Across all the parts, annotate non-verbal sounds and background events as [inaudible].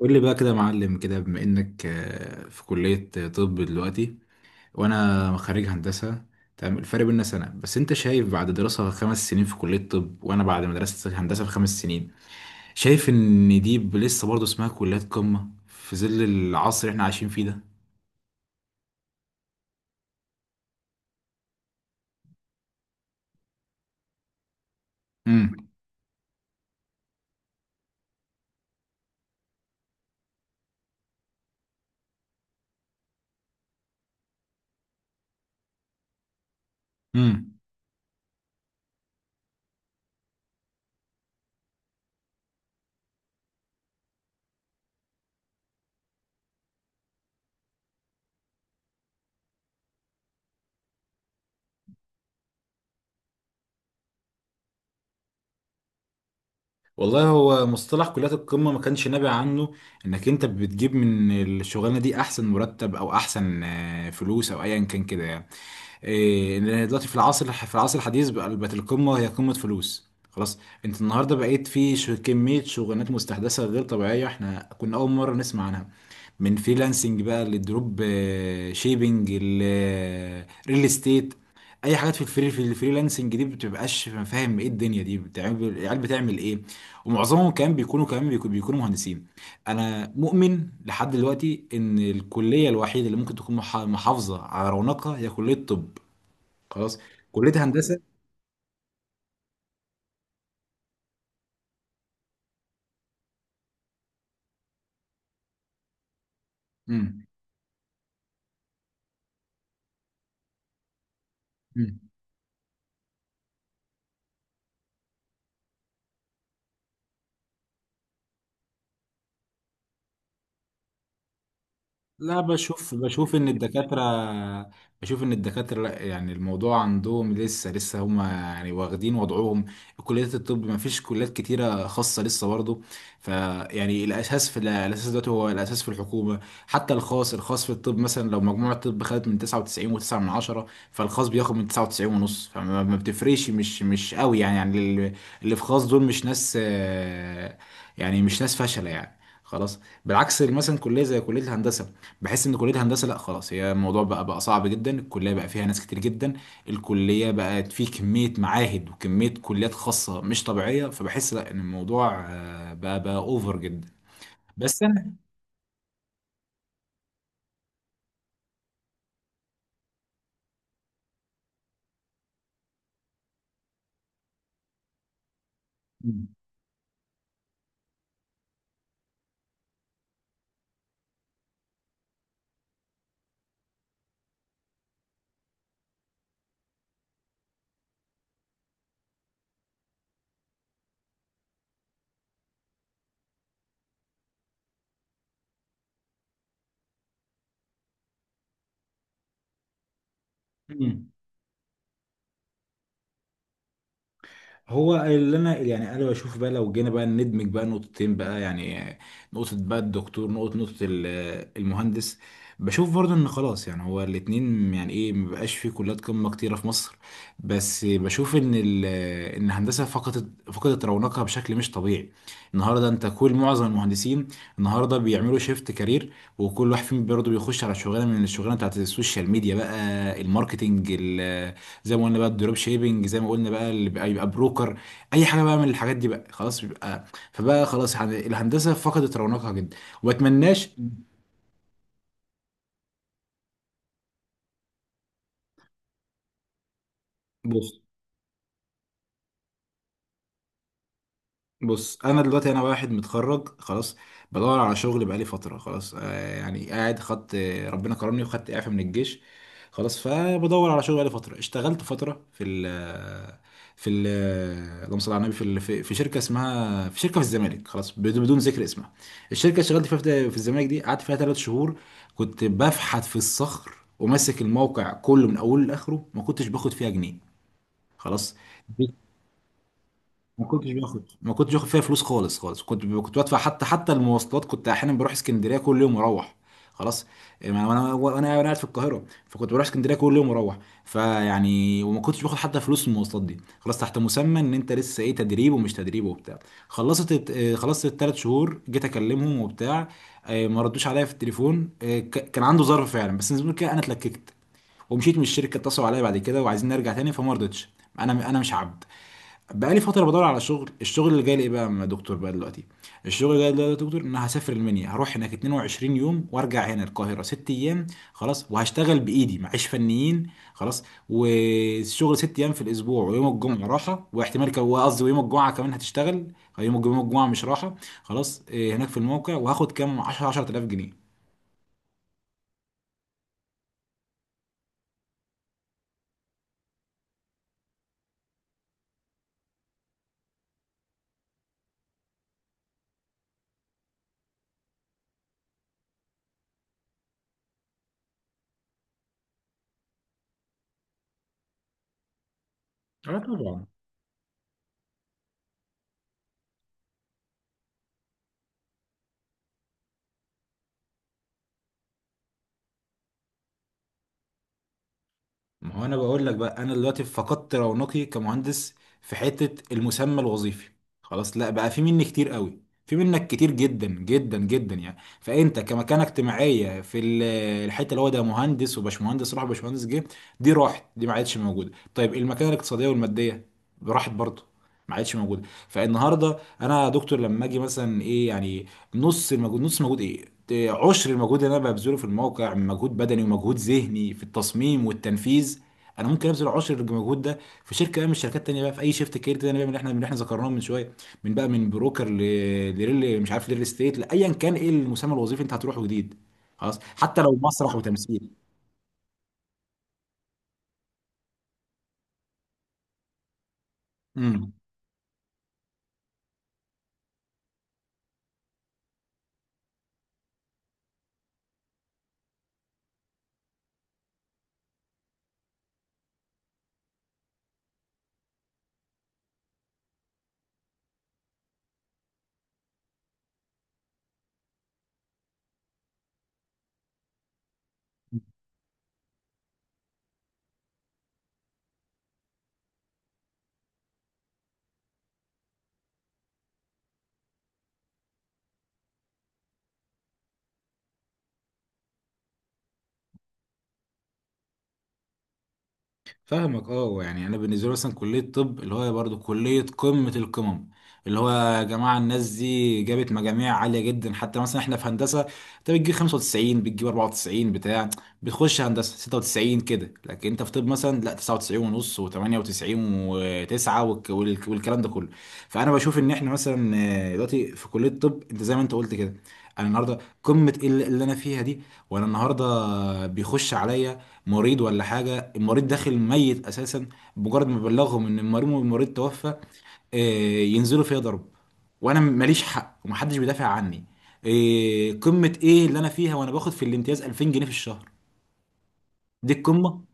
قول لي بقى كده يا معلم كده، بما انك في كلية طب دلوقتي وانا خريج هندسة. تمام، الفرق بيننا سنة بس انت شايف بعد دراسة خمس سنين في كلية طب وانا بعد مدرسة هندسة في خمس سنين، شايف ان دي لسه برضه اسمها كليات قمة في ظل العصر اللي احنا عايشين فيه ده. امم. امم. والله هو مصطلح كليات القمة ما كانش نابع عنه انك انت بتجيب من الشغلانة دي احسن مرتب او احسن فلوس او ايا كان كده يعني. ان دلوقتي في العصر، في العصر الحديث بقى، بقت القمه هي قمه فلوس خلاص. انت النهارده بقيت في كميه شغلانات مستحدثه غير طبيعيه احنا كنا اول مره نسمع عنها، من فريلانسنج بقى للدروب شيبينج، الريل استيت، اي حاجات في الفريلانسنج دي بتبقاش فاهم ايه الدنيا دي بتعمل، العيال بتعمل ايه؟ ومعظمهم كمان بيكونوا كمان بيكونوا مهندسين. انا مؤمن لحد دلوقتي ان الكليه الوحيده اللي ممكن تكون محافظه على رونقها هي كليه الطب. خلاص. كلية هندسة. امم. امم. لا، بشوف ان الدكاترة، بشوف ان الدكاترة لا، يعني الموضوع عندهم لسه هما يعني واخدين وضعهم. كليات الطب ما فيش كليات كتيرة خاصة لسه برضه، فيعني الاساس، في الاساس دلوقتي هو الاساس في الحكومة. حتى الخاص في الطب مثلا، لو مجموع الطب خدت من 99 و9 من عشرة، فالخاص بياخد من 99 ونص، فما ما بتفرقش، مش قوي، يعني. يعني اللي، اللي في خاص دول مش ناس، يعني مش ناس فاشلة يعني. خلاص. بالعكس مثلا، كليه زي كليه الهندسه، بحس ان كليه هندسه لا خلاص، هي الموضوع بقى صعب جدا. الكليه بقى فيها ناس كتير جدا. الكليه بقت فيه كميه معاهد وكميه كليات خاصه مش طبيعيه، فبحس لا ان الموضوع بقى اوفر جدا. بس انا، مم. هو اللي انا، يعني انا بشوف بقى، لو جينا بقى ندمج بقى نقطتين بقى يعني، نقطة بقى الدكتور، نقطة المهندس. بشوف برضه ان خلاص يعني هو الاتنين، يعني ايه، مبقاش في كليات قمة كتيرة في مصر، بس بشوف ان ان الهندسة فقدت رونقها بشكل مش طبيعي. النهارده انت، كل معظم المهندسين النهارده بيعملوا شيفت كارير، وكل واحد فيهم برضه بيخش على شغلانة من الشغلانة بتاعت السوشيال ميديا، بقى الماركتينج زي ما قلنا، بقى الدروب شيبنج زي ما قلنا، بقى اللي بقى يبقى بروكر، اي حاجه بقى من الحاجات دي بقى خلاص بيبقى. فبقى خلاص الهندسه فقدت رونقها جدا. وما اتمناش. بص. بص، انا دلوقتي انا واحد متخرج خلاص، بدور على شغل بقالي فتره خلاص، آه يعني قاعد خدت، ربنا كرمني وخدت اعفاء من الجيش خلاص. فبدور على شغل بقالي فتره، اشتغلت فتره في ال، في ال اللهم صل على النبي، في شركه اسمها، في شركه في الزمالك خلاص، بدون ذكر اسمها. الشركه اللي اشتغلت فيها في الزمالك دي قعدت فيها ثلاث شهور، كنت بفحت في الصخر، وماسك الموقع كله من اوله لاخره، ما كنتش باخد فيها جنيه. خلاص. ما كنتش باخد فيها فلوس خالص خالص، كنت بدفع، حتى المواصلات، كنت احيانا بروح اسكندريه كل يوم واروح. خلاص. وانا قاعد في القاهره، فكنت بروح اسكندريه كل يوم واروح، فيعني وما كنتش باخد حتى فلوس المواصلات دي خلاص، تحت مسمى ان انت لسه ايه، تدريب ومش تدريب وبتاع. خلصت الت- آه، خلصت الثلاث شهور، جيت اكلمهم وبتاع، ما ردوش عليا في التليفون. كان عنده ظرف فعلا بس زي ما كده انا اتلككت، ومشيت من الشركه. اتصلوا عليا بعد كده وعايزين نرجع تاني، فما رضيتش، انا مش عبد. بقالي فترة بدور على شغل. الشغل اللي جاي لي، إيه بقى يا دكتور بقى دلوقتي؟ الشغل اللي جاي لي دلوقتي يا دكتور، ان أنا هسافر المنيا، هروح هناك 22 يوم وارجع هنا القاهرة ست ايام خلاص، وهشتغل بايدي معيش فنيين خلاص، والشغل ست ايام في الاسبوع، ويوم الجمعة راحة، واحتمال قصدي ويوم الجمعة كمان هتشتغل، يوم الجمعة مش راحة خلاص. هناك في الموقع، وهاخد كام، 10 10000 جنيه. اه طبعا. ما هو انا بقول لك بقى، انا دلوقتي فقدت رونقي كمهندس في حته المسمى الوظيفي خلاص، لا بقى في مني كتير قوي، في منك كتير جدا جدا جدا يعني، فانت كمكانه اجتماعيه الحته اللي هو، ده مهندس وباشمهندس راح باشمهندس جه، دي راحت، دي ما عادش موجوده. طيب المكانه الاقتصاديه والماديه، راحت برضه، ما عادش موجوده. فالنهارده انا يا دكتور لما اجي مثلا ايه يعني، نص المجهود ايه، عشر المجهود اللي انا ببذله في الموقع من مجهود بدني ومجهود ذهني في التصميم والتنفيذ، انا ممكن ابذل عشر المجهود ده في شركه بقى من الشركات التانيه بقى، في اي شيفت كارير تاني بقى، من اللي احنا ذكرناه من شويه، من بقى من بروكر لريل، مش عارف، ريل استيت، لايا كان ايه المسمى الوظيفي انت هتروحه جديد خلاص، حتى لو مسرح وتمثيل. امم. فاهمك، اه. يعني انا بالنسبه لي مثلا كليه الطب اللي هو برضو كليه قمه القمم، اللي هو يا جماعه الناس دي جابت مجاميع عاليه جدا. حتى مثلا احنا في هندسه، انت بتجيب 95، بتجيب 94 بتاع، بتخش هندسه 96 كده، لكن انت في طب مثلا لا، 99 ونص، و98 و9 والكلام ده كله. فانا بشوف ان احنا مثلا دلوقتي في كليه الطب، انت زي ما انت قلت كده، انا النهارده، قمه إيه اللي انا فيها دي؟ وانا النهارده بيخش عليا مريض ولا حاجة، المريض داخل ميت أساسا، بمجرد ما بلغهم إن المريض توفى، ينزلوا فيا ضرب، وأنا ماليش حق ومحدش بيدافع عني. قمة إيه اللي أنا فيها، وأنا باخد في الامتياز 2000 جنيه في الشهر؟ دي القمة.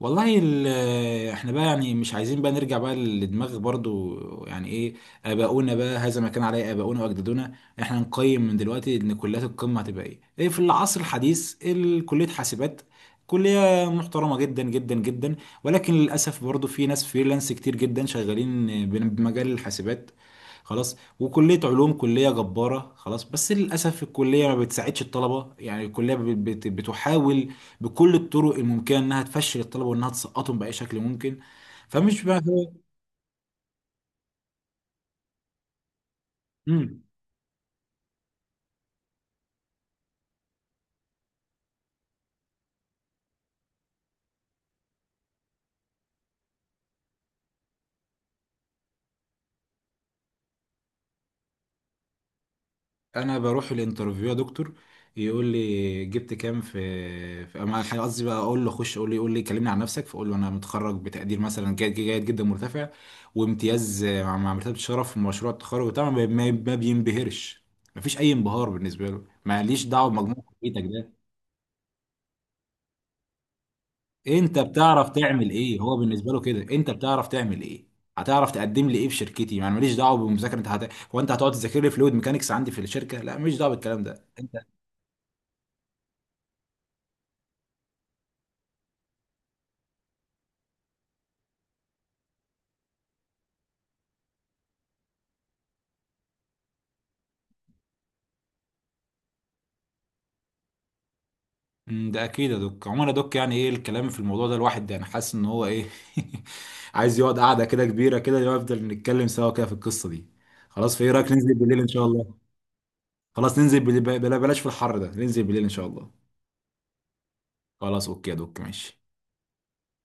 والله احنا بقى يعني مش عايزين بقى نرجع بقى للدماغ برضو، يعني ايه، اباؤنا بقى، هذا ما كان عليه اباؤنا واجدادنا. احنا نقيم من دلوقتي ان كليات القمه هتبقى ايه، ايه في العصر الحديث، كليه حاسبات، كليه محترمه جدا جدا جدا، ولكن للاسف برضو في ناس فريلانس كتير جدا شغالين بمجال الحاسبات. خلاص. وكليه علوم كليه جباره خلاص، بس للاسف الكليه ما بتساعدش الطلبه، يعني الكليه بتحاول بكل الطرق الممكنه انها تفشل الطلبه، وانها تسقطهم باي شكل ممكن. فمش بقى هو، مم. انا بروح الانترفيو يا دكتور، يقول لي جبت كام في، في، اما الحقيقة قصدي بقى اقول له اخش، يقول لي، يقول لي كلمني عن نفسك، فاقول له انا متخرج بتقدير مثلا جيد، جيد جدا مرتفع، وامتياز مع مرتبه شرف في مشروع التخرج وبتاع، ما بينبهرش، مفيش اي انبهار بالنسبه له، ماليش دعوه بمجموع كليتك، ده انت بتعرف تعمل ايه، هو بالنسبه له كده انت بتعرف تعمل ايه، هتعرف تقدم لي ايه في شركتي، يعني ماليش دعوه بالمذاكره، انت هت، هو انت هتقعد تذاكر لي فلويد ميكانكس عندي في الشركه؟ لا، ماليش دعوه بالكلام ده. انت، ده اكيد يا دوك. عموما يا دوك، يعني ايه، الكلام في الموضوع ده الواحد يعني حاسس ان هو ايه [laughs] عايز يقعد قعده كده كبيره كده، يفضل نتكلم سوا كده في القصه دي خلاص. في، ايه رايك ننزل بالليل ان شاء الله؟ خلاص ننزل بلا، بلاش في الحر ده، ننزل بالليل ان شاء الله. خلاص، اوكي يا دوك، ماشي.